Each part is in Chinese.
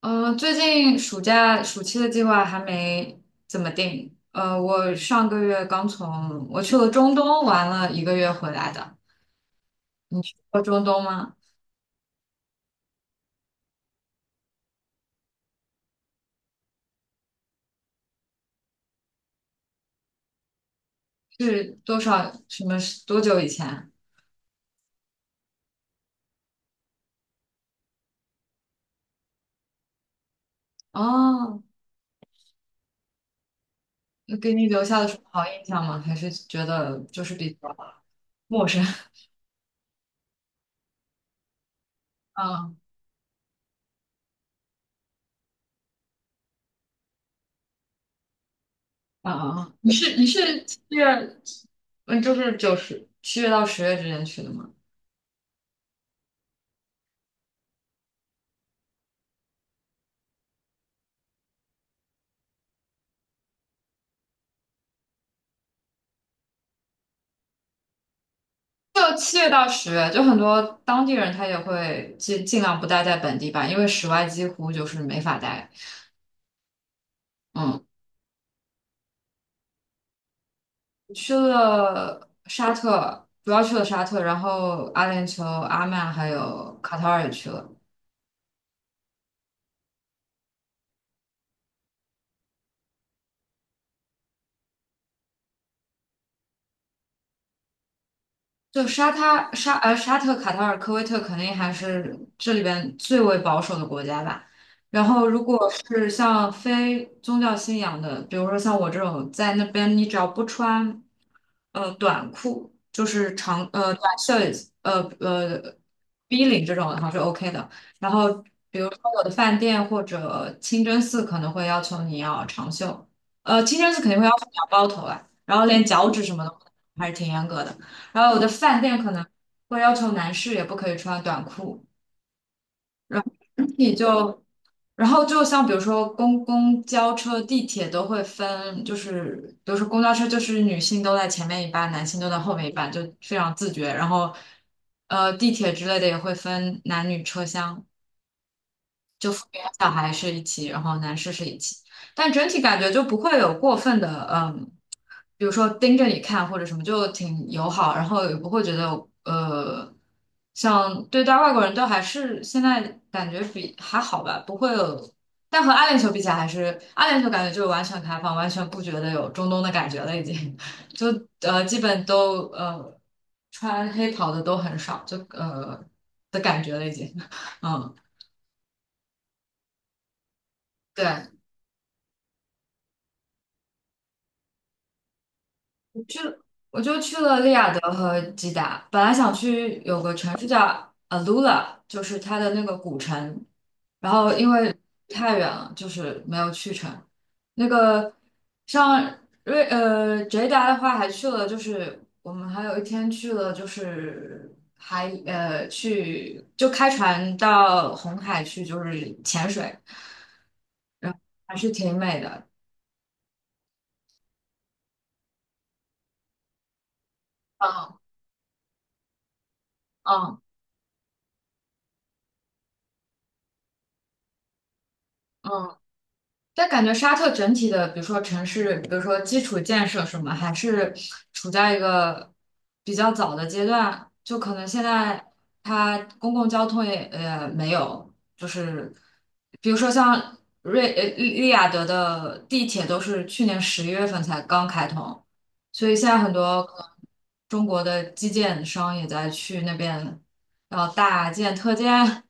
嗯，最近暑期的计划还没怎么定。我上个月刚我去了中东玩了一个月回来的。你去过中东吗？是多少什么多久以前？哦，那给你留下了什么好印象吗？还是觉得就是比较陌生？嗯嗯嗯，你是七月，嗯，就是七月到十月之间去的吗？就七月到十月，就很多当地人他也会尽量不待在本地吧，因为室外几乎就是没法待。嗯，去了沙特，主要去了沙特，然后阿联酋、阿曼还有卡塔尔也去了。就沙他沙呃沙特、卡塔尔、科威特肯定还是这里边最为保守的国家吧。然后，如果是像非宗教信仰的，比如说像我这种在那边，你只要不穿短裤，就是短袖呃呃 V 领这种的话是 OK 的。然后，比如说我的饭店或者清真寺可能会要求你要长袖，清真寺肯定会要求你要包头啊，然后连脚趾什么的还是挺严格的。然后有的饭店可能会要求男士也不可以穿短裤，然后你就，然后就像比如说公交车、地铁都会分，就是比如说公交车就是女性都在前面一半，男性都在后面一半，就非常自觉。然后地铁之类的也会分男女车厢。就父母和小孩是一起，然后男士是一起，但整体感觉就不会有过分的，比如说盯着你看或者什么，就挺友好，然后也不会觉得，呃，像对待外国人都还是现在感觉比还好吧，不会有，但和阿联酋比起来，还是阿联酋感觉就完全开放，完全不觉得有中东的感觉了，已经，就基本都穿黑袍的都很少，就的感觉了已经，嗯。对。我就去了利雅得和吉达，本来想去有个城市叫 Alula，就是它的那个古城，然后因为太远了，就是没有去成。那个像吉达的话，还去了，就是我们还有一天去了，就是还去就开船到红海去，就是潜水，还是挺美的。嗯嗯嗯。但感觉沙特整体的，比如说城市，比如说基础建设什么，还是处在一个比较早的阶段。就可能现在它公共交通也没有，就是比如说像利雅得的地铁都是去年11月份才刚开通，所以现在很多可能中国的基建商也在去那边，然后大建特建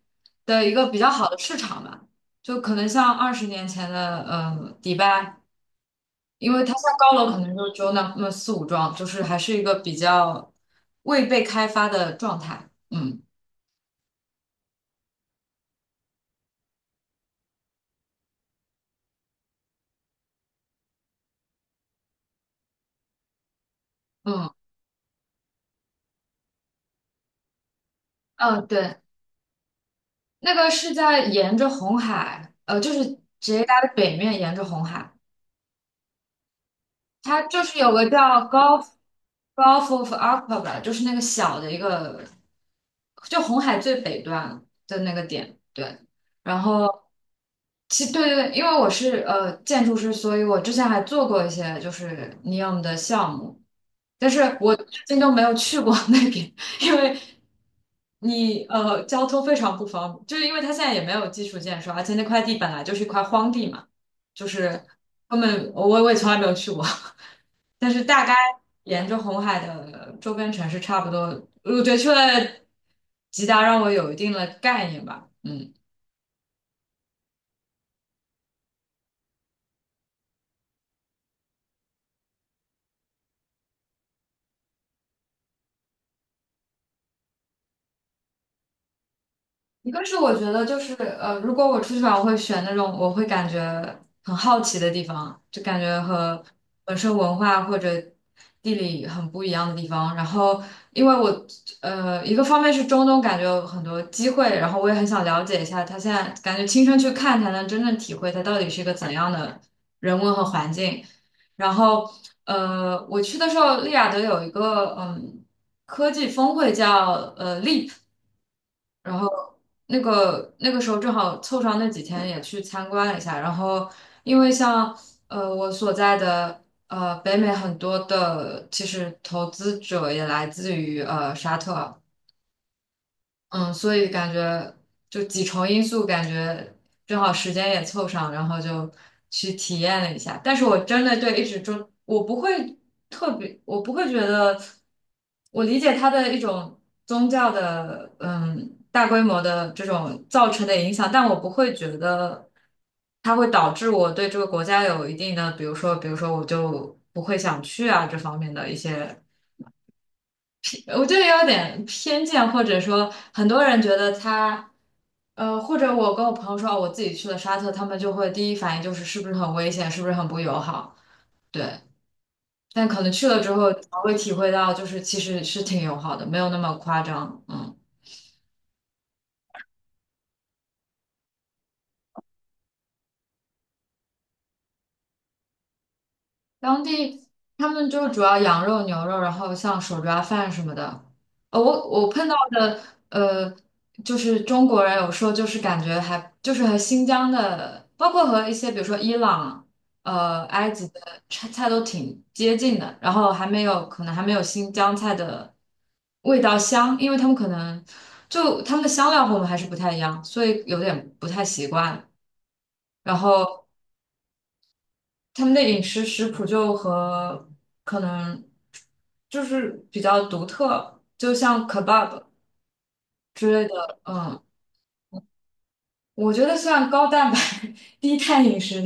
的一个比较好的市场吧。就可能像20年前的迪拜，因为它在高楼可能就只有那么四五幢，就是还是一个比较未被开发的状态。嗯嗯嗯，对，那个是在沿着红海，就是直接它的北面沿着红海，它就是有个叫 Gulf Gulf of Aqaba，吧就是那个小的一个，就红海最北端的那个点，对。然后对对对，因为我是建筑师，所以我之前还做过一些就是 NEO 的项目，但是我最近都没有去过 那边，因为交通非常不方便，就是因为它现在也没有基础建设，而且那块地本来就是一块荒地嘛，就是根本我也从来没有去过，但是大概沿着红海的周边城市差不多，我觉得去了吉达让我有一定的概念吧，嗯。一个是我觉得就是如果我出去玩，我会选那种我会感觉很好奇的地方，就感觉和本身文化或者地理很不一样的地方。然后，因为我一个方面是中东，感觉有很多机会，然后我也很想了解一下，他现在感觉亲身去看才能真正体会它到底是一个怎样的人文和环境。然后，我去的时候，利雅得有一个科技峰会叫Leap。然后那个时候正好凑上那几天也去参观了一下，然后因为像我所在的北美很多的其实投资者也来自于沙特，嗯，所以感觉就几重因素，感觉正好时间也凑上，然后就去体验了一下。但是我真的对一直中，我不会特别，我不会觉得，我理解它的一种宗教的，大规模的这种造成的影响，但我不会觉得它会导致我对这个国家有一定的，比如说，比如说我就不会想去啊这方面的一些。我觉得有点偏见，或者说很多人觉得他，或者我跟我朋友说，哦我自己去了沙特，他们就会第一反应就是是不是很危险，是不是很不友好？对，但可能去了之后，才会体会到就是其实是挺友好的，没有那么夸张。嗯。当地他们就主要羊肉、牛肉，然后像手抓饭什么的。我碰到的呃，就是中国人有时候就是感觉还就是和新疆的，包括和一些比如说伊朗、埃及的菜都挺接近的，然后还没有可能还没有新疆菜的味道香，因为他们可能就他们的香料和我们还是不太一样，所以有点不太习惯。然后他们的饮食食谱就和可能就是比较独特，就像 kebab 之类的，嗯，我觉得虽然高蛋白 低碳饮食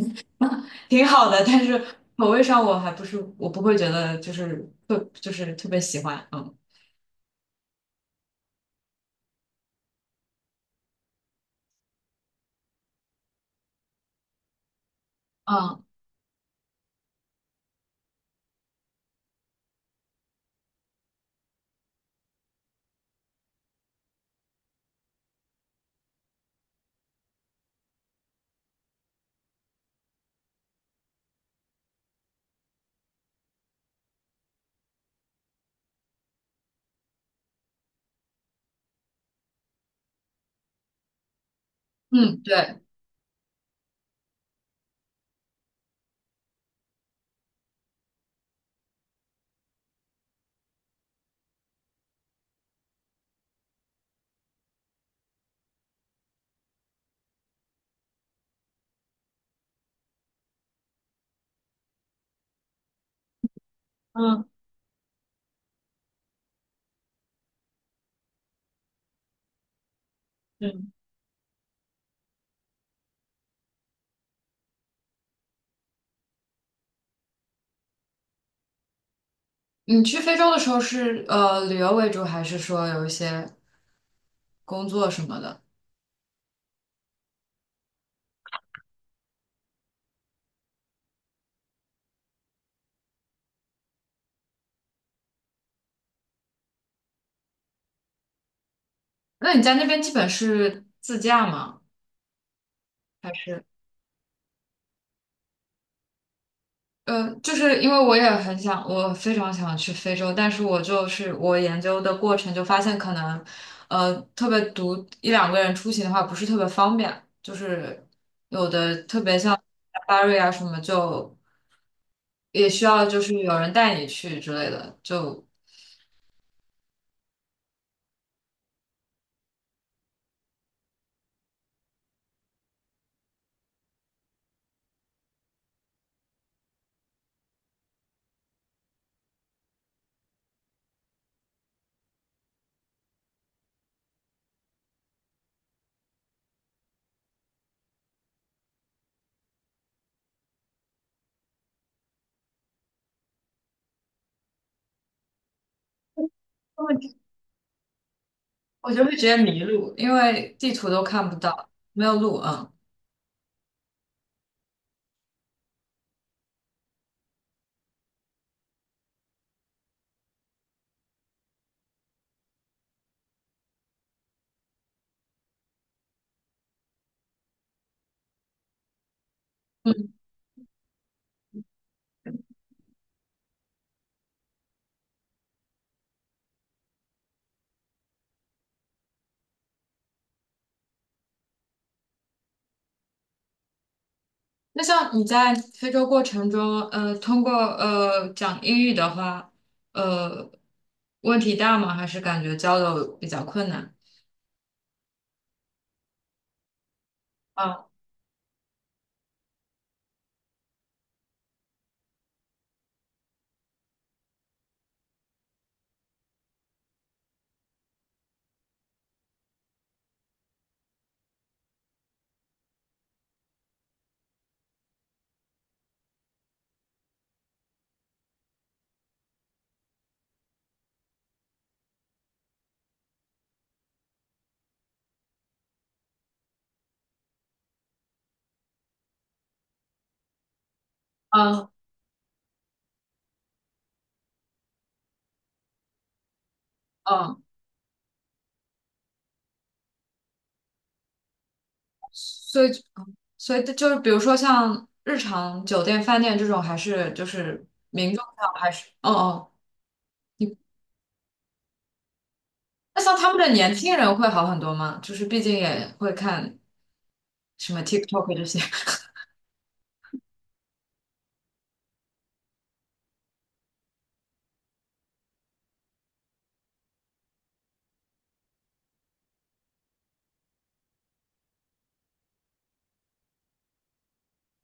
挺好的，但是口味上我不会觉得就是特别喜欢，嗯嗯嗯，对，嗯嗯，你去非洲的时候是旅游为主，还是说有一些工作什么的？那你在那边基本是自驾吗？还是？就是因为我也很想，我非常想去非洲，但是我就是我研究的过程就发现，可能特别独一两个人出行的话不是特别方便，就是有的特别像巴瑞啊什么，就也需要就是有人带你去之类的，就我就会直接迷路，因为地图都看不到，没有路，嗯。那像你在非洲过程中，通过讲英语的话，呃，问题大吗？还是感觉交流比较困难？嗯嗯嗯，所以所以就是比如说像日常酒店、饭店这种，还是就是民众上还是哦哦，你那像他们的年轻人会好很多吗？就是毕竟也会看什么 TikTok 这些。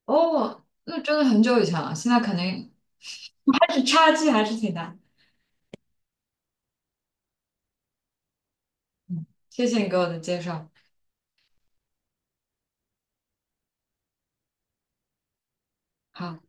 哦，那真的很久以前了，现在肯定还是差距还是挺大。嗯，谢谢你给我的介绍。好。